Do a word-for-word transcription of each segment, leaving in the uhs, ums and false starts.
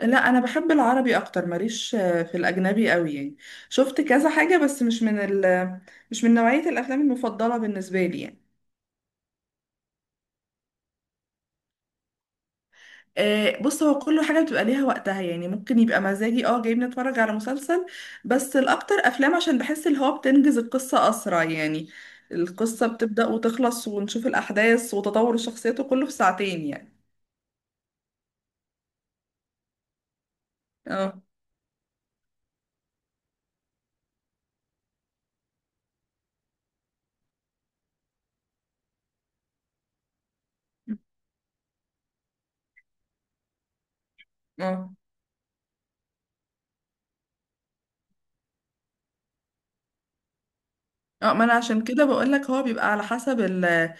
لا، انا بحب العربي اكتر. ماليش آه، في الاجنبي قوي يعني. شفت كذا حاجه بس مش من ال مش من نوعيه الافلام المفضله بالنسبه لي يعني. آه، بص، هو كل حاجه بتبقى ليها وقتها يعني. ممكن يبقى مزاجي اه جايبني اتفرج على مسلسل، بس الاكتر افلام، عشان بحس اللي هو بتنجز القصه اسرع يعني. القصه بتبدا وتخلص ونشوف الاحداث وتطور الشخصيات وكله في ساعتين يعني. اه، اه، اه، ما انا عشان كده بقول لك هو بيبقى على حسب ال-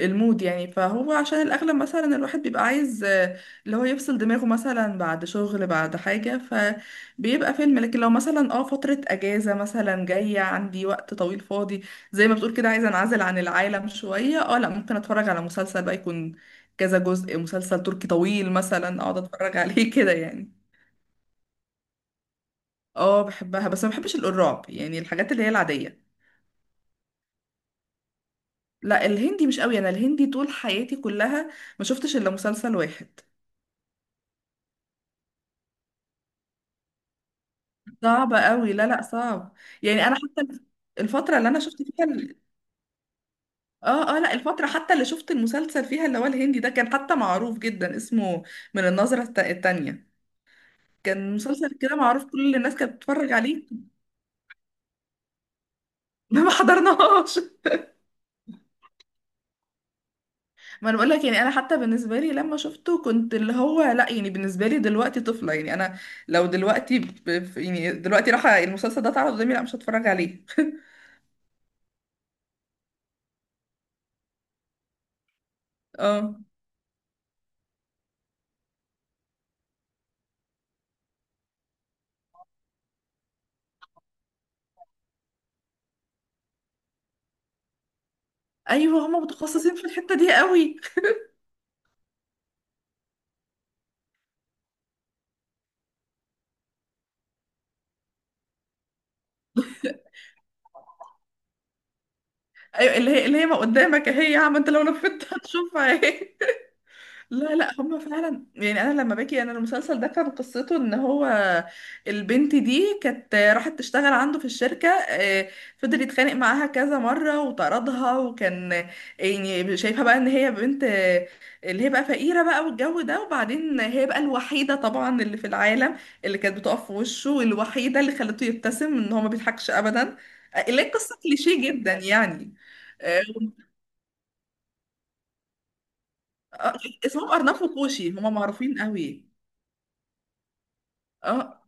المود يعني. فهو عشان الأغلب مثلا الواحد بيبقى عايز آه، اللي هو يفصل دماغه مثلا بعد شغل بعد حاجة، فبيبقى فيلم. لكن لو مثلا اه فترة أجازة مثلا جاية عندي وقت طويل فاضي، زي ما بتقول كده عايزة أنعزل عن العالم شوية، اه لا، ممكن أتفرج على مسلسل بقى، يكون كذا جزء، مسلسل تركي طويل مثلا أقعد أتفرج عليه كده يعني. اه، بحبها بس ما بحبش الرعب، يعني الحاجات اللي هي العادية. لا، الهندي مش قوي، أنا الهندي طول حياتي كلها ما شفتش إلا مسلسل واحد. صعبة قوي، لا لا، صعب. يعني انا حتى الفترة اللي انا شفت فيها ال- اه، اه، لا، الفترة حتى اللي شفت المسلسل فيها اللي هو الهندي ده كان حتى معروف جدا، اسمه من النظرة الت- التانية. كان مسلسل كده معروف كل الناس كانت بتتفرج عليه. ما حضرناهاش. ما انا بقول لك يعني انا حتى بالنسبة لي لما شفته كنت اللي هو لا، يعني بالنسبة لي دلوقتي طفلة يعني. انا لو دلوقتي ب... ب- يعني دلوقتي راح المسلسل ده اتعرض قدامي، لا، مش هتفرج عليه. اه، ايوه، هما متخصصين في الحتة دي قوي. ايوه، اللي هي اللي هي ما قدامك اهي يا عم انت، لو نفذت هتشوفها اهي. لا لا، هما فعلا يعني. انا لما باجي انا المسلسل ده كان قصته ان هو البنت دي كانت راحت تشتغل عنده في الشركه، آه، فضل يتخانق معاها كذا مره وطردها، وكان آه، يعني شايفها بقى ان هي بنت، آه، اللي هي بقى فقيره بقى والجو ده. وبعدين هي بقى الوحيده طبعا اللي في العالم اللي كانت بتقف في وشه، والوحيده اللي خلته يبتسم ان هو ما بيضحكش ابدا. آه، اللي هي قصه كليشيه جدا يعني. آه، آه، اسمهم أرناف وكوشي، هما معروفين قوي. اه،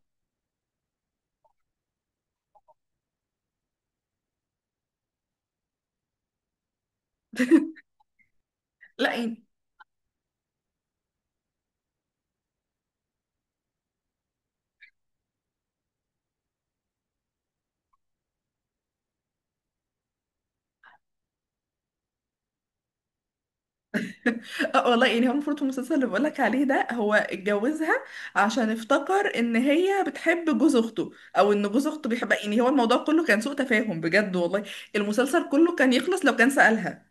لا يعني. اه، والله يعني، هو المفروض في المسلسل اللي بقولك عليه ده هو اتجوزها عشان افتكر ان هي بتحب جوز اخته، او ان جوز اخته بيحبها. يعني هو الموضوع كله كان سوء تفاهم بجد والله. المسلسل كله كان يخلص لو كان سألها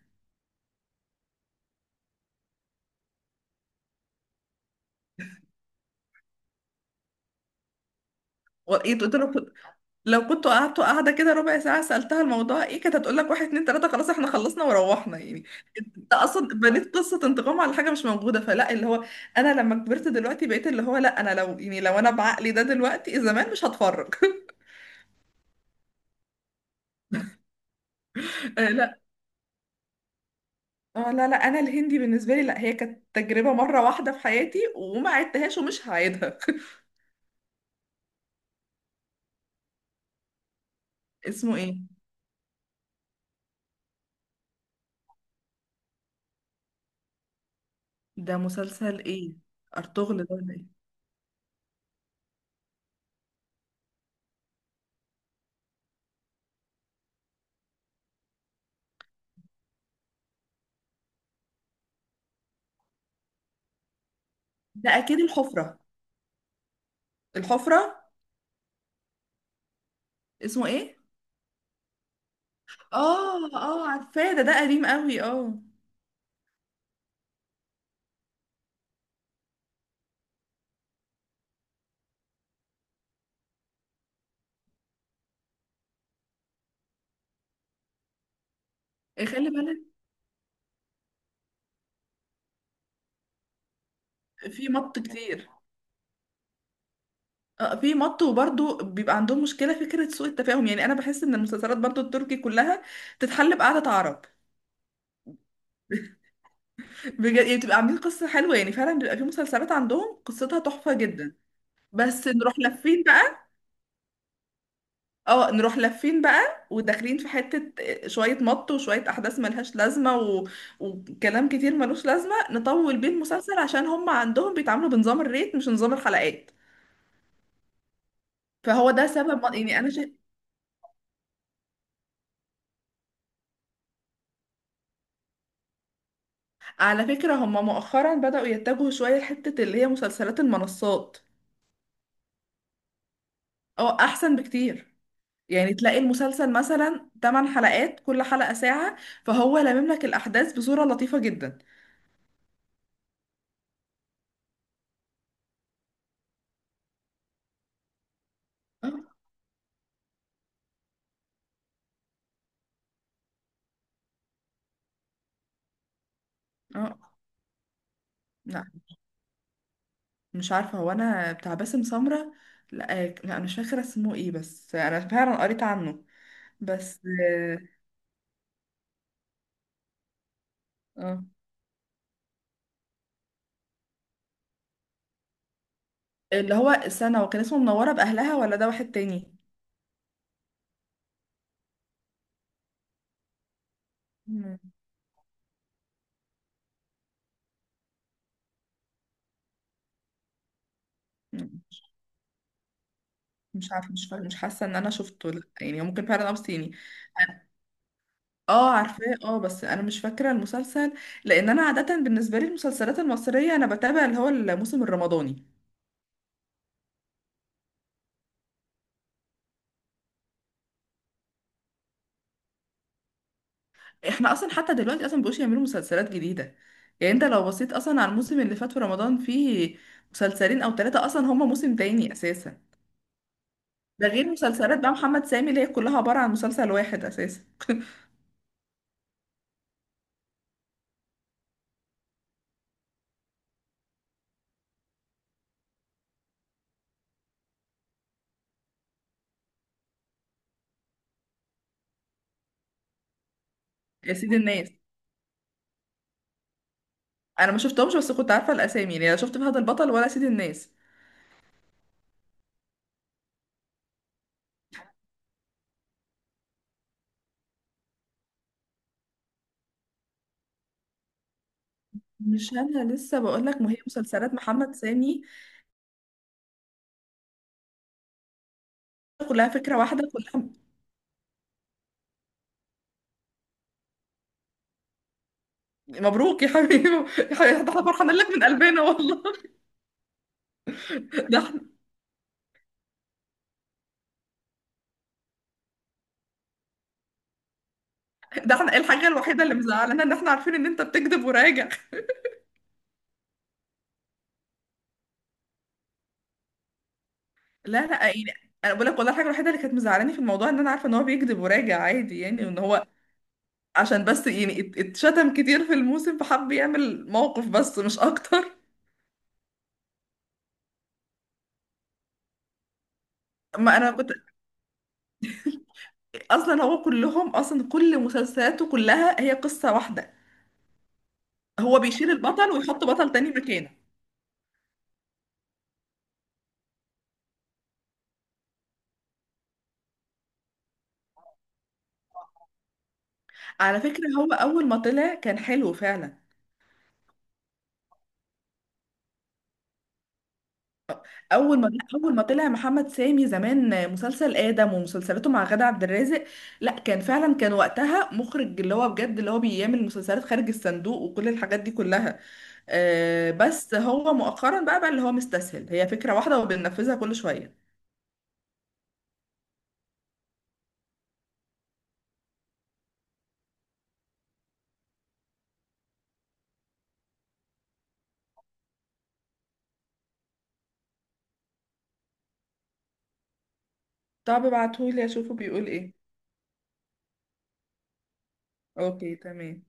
و- ايه تقول له. لو كنتوا قعدتوا قاعدة كده ربع ساعة سألتها الموضوع ايه، كانت هتقول لك واحد اتنين تلاتة، خلاص احنا خلصنا وروحنا يعني. انت اصلا بنيت قصة انتقام على حاجة مش موجودة، فلا اللي هو انا لما كبرت دلوقتي بقيت اللي هو لا، انا لو يعني لو انا بعقلي ده دلوقتي زمان مش هتفرج. آه، لا. آه، لا لا، انا الهندي بالنسبة لي لا، هي كانت تجربة مرة واحدة في حياتي وما عدتهاش ومش هعيدها. اسمه ايه؟ ده مسلسل ايه؟ ارطغرل ده ولا ايه؟ ده اكيد الحفرة. الحفرة. اسمه ايه؟ اه، اه، عارفاه، ده ده قديم قوي، اه. آه، خلي بالك. في مط كتير. اه، في مط، وبرضه بيبقى عندهم مشكلة فكرة سوء التفاهم. يعني انا بحس ان المسلسلات برضه التركي كلها تتحل بقعدة عرب. بجد يعني، بتبقى عاملين قصة حلوة، يعني فعلا بيبقى في مسلسلات عندهم قصتها تحفة جدا. بس نروح لفين بقى؟ اه، نروح لفين بقى وداخلين في حتة آه، شوية مط وشوية احداث ملهاش لازمة و... وكلام كتير ملوش لازمة نطول بيه المسلسل، عشان هم عندهم بيتعاملوا بنظام الريت مش نظام الحلقات. فهو ده سبب من... يعني انا شايف. على فكرة هم مؤخرا بدأوا يتجهوا شوية لحتة اللي هي مسلسلات المنصات، او احسن بكتير. يعني تلاقي المسلسل مثلا 8 حلقات، كل حلقة ساعة، فهو لامم لك الاحداث بصورة لطيفة جدا. اه، اه، لا، مش عارفة، هو انا بتاع باسم سمرة؟ لا. آه، لا، أنا مش فاكرة اسمه ايه، بس انا فعلا قريت عنه. بس اه آه. اللي هو السنة وكان اسمه منورة بأهلها، ولا ده واحد تاني؟ مم. مش عارفه، مش فاكره، مش حاسه ان انا شفته. لا يعني، هو ممكن فعلا اب صيني. اه، عارفاه، اه، بس انا مش فاكره المسلسل، لان انا عاده بالنسبه لي المسلسلات المصريه انا بتابع اللي هو الموسم الرمضاني. احنا اصلا حتى دلوقتي اصلا مبقوش يعملوا مسلسلات جديده. يعني انت لو بصيت اصلا على الموسم اللي فات في رمضان، فيه مسلسلين او ثلاثه اصلا، هما موسم تاني اساسا. ده غير مسلسلات بقى محمد سامي اللي هي كلها عباره عن مسلسل واحد اساسا. يا سيد الناس، انا ما شفتهمش بس كنت عارفه الاسامي يعني، لا شفت فهد البطل ولا سيد الناس. مش انا لسه بقول لك ما هي مسلسلات محمد سامي كلها فكره واحده كلها. مبروك يا حبيبي. يا حبيبي، ده احنا فرحانين لك من قلبنا والله. ده احنا ده احنا الحاجه الوحيده اللي مزعلانه ان احنا عارفين ان انت بتكذب وراجع. لا لا يعني، انا بقول لك والله الحاجه الوحيده اللي كانت مزعلاني في الموضوع ان انا عارفه ان هو بيكذب وراجع عادي يعني، وان هو عشان بس يعني ات- اتشتم كتير في الموسم فحب يعمل موقف بس مش اكتر. ما انا كنت اصلا، هو كلهم اصلا كل مسلسلاته كلها هي قصه واحده، هو بيشيل البطل ويحط بطل تاني مكانه. على فكرة هو أول ما طلع كان حلو فعلا. أول ما أول ما طلع محمد سامي زمان مسلسل آدم ومسلسلاته مع غادة عبد الرازق، لا كان فعلا، كان وقتها مخرج اللي هو بجد اللي هو بيعمل مسلسلات خارج الصندوق وكل الحاجات دي كلها. آه بس هو مؤخرا بقى بقى اللي هو مستسهل، هي فكرة واحدة وبننفذها كل شوية. طب ابعتهولي أشوفه بيقول إيه. أوكي، تمام.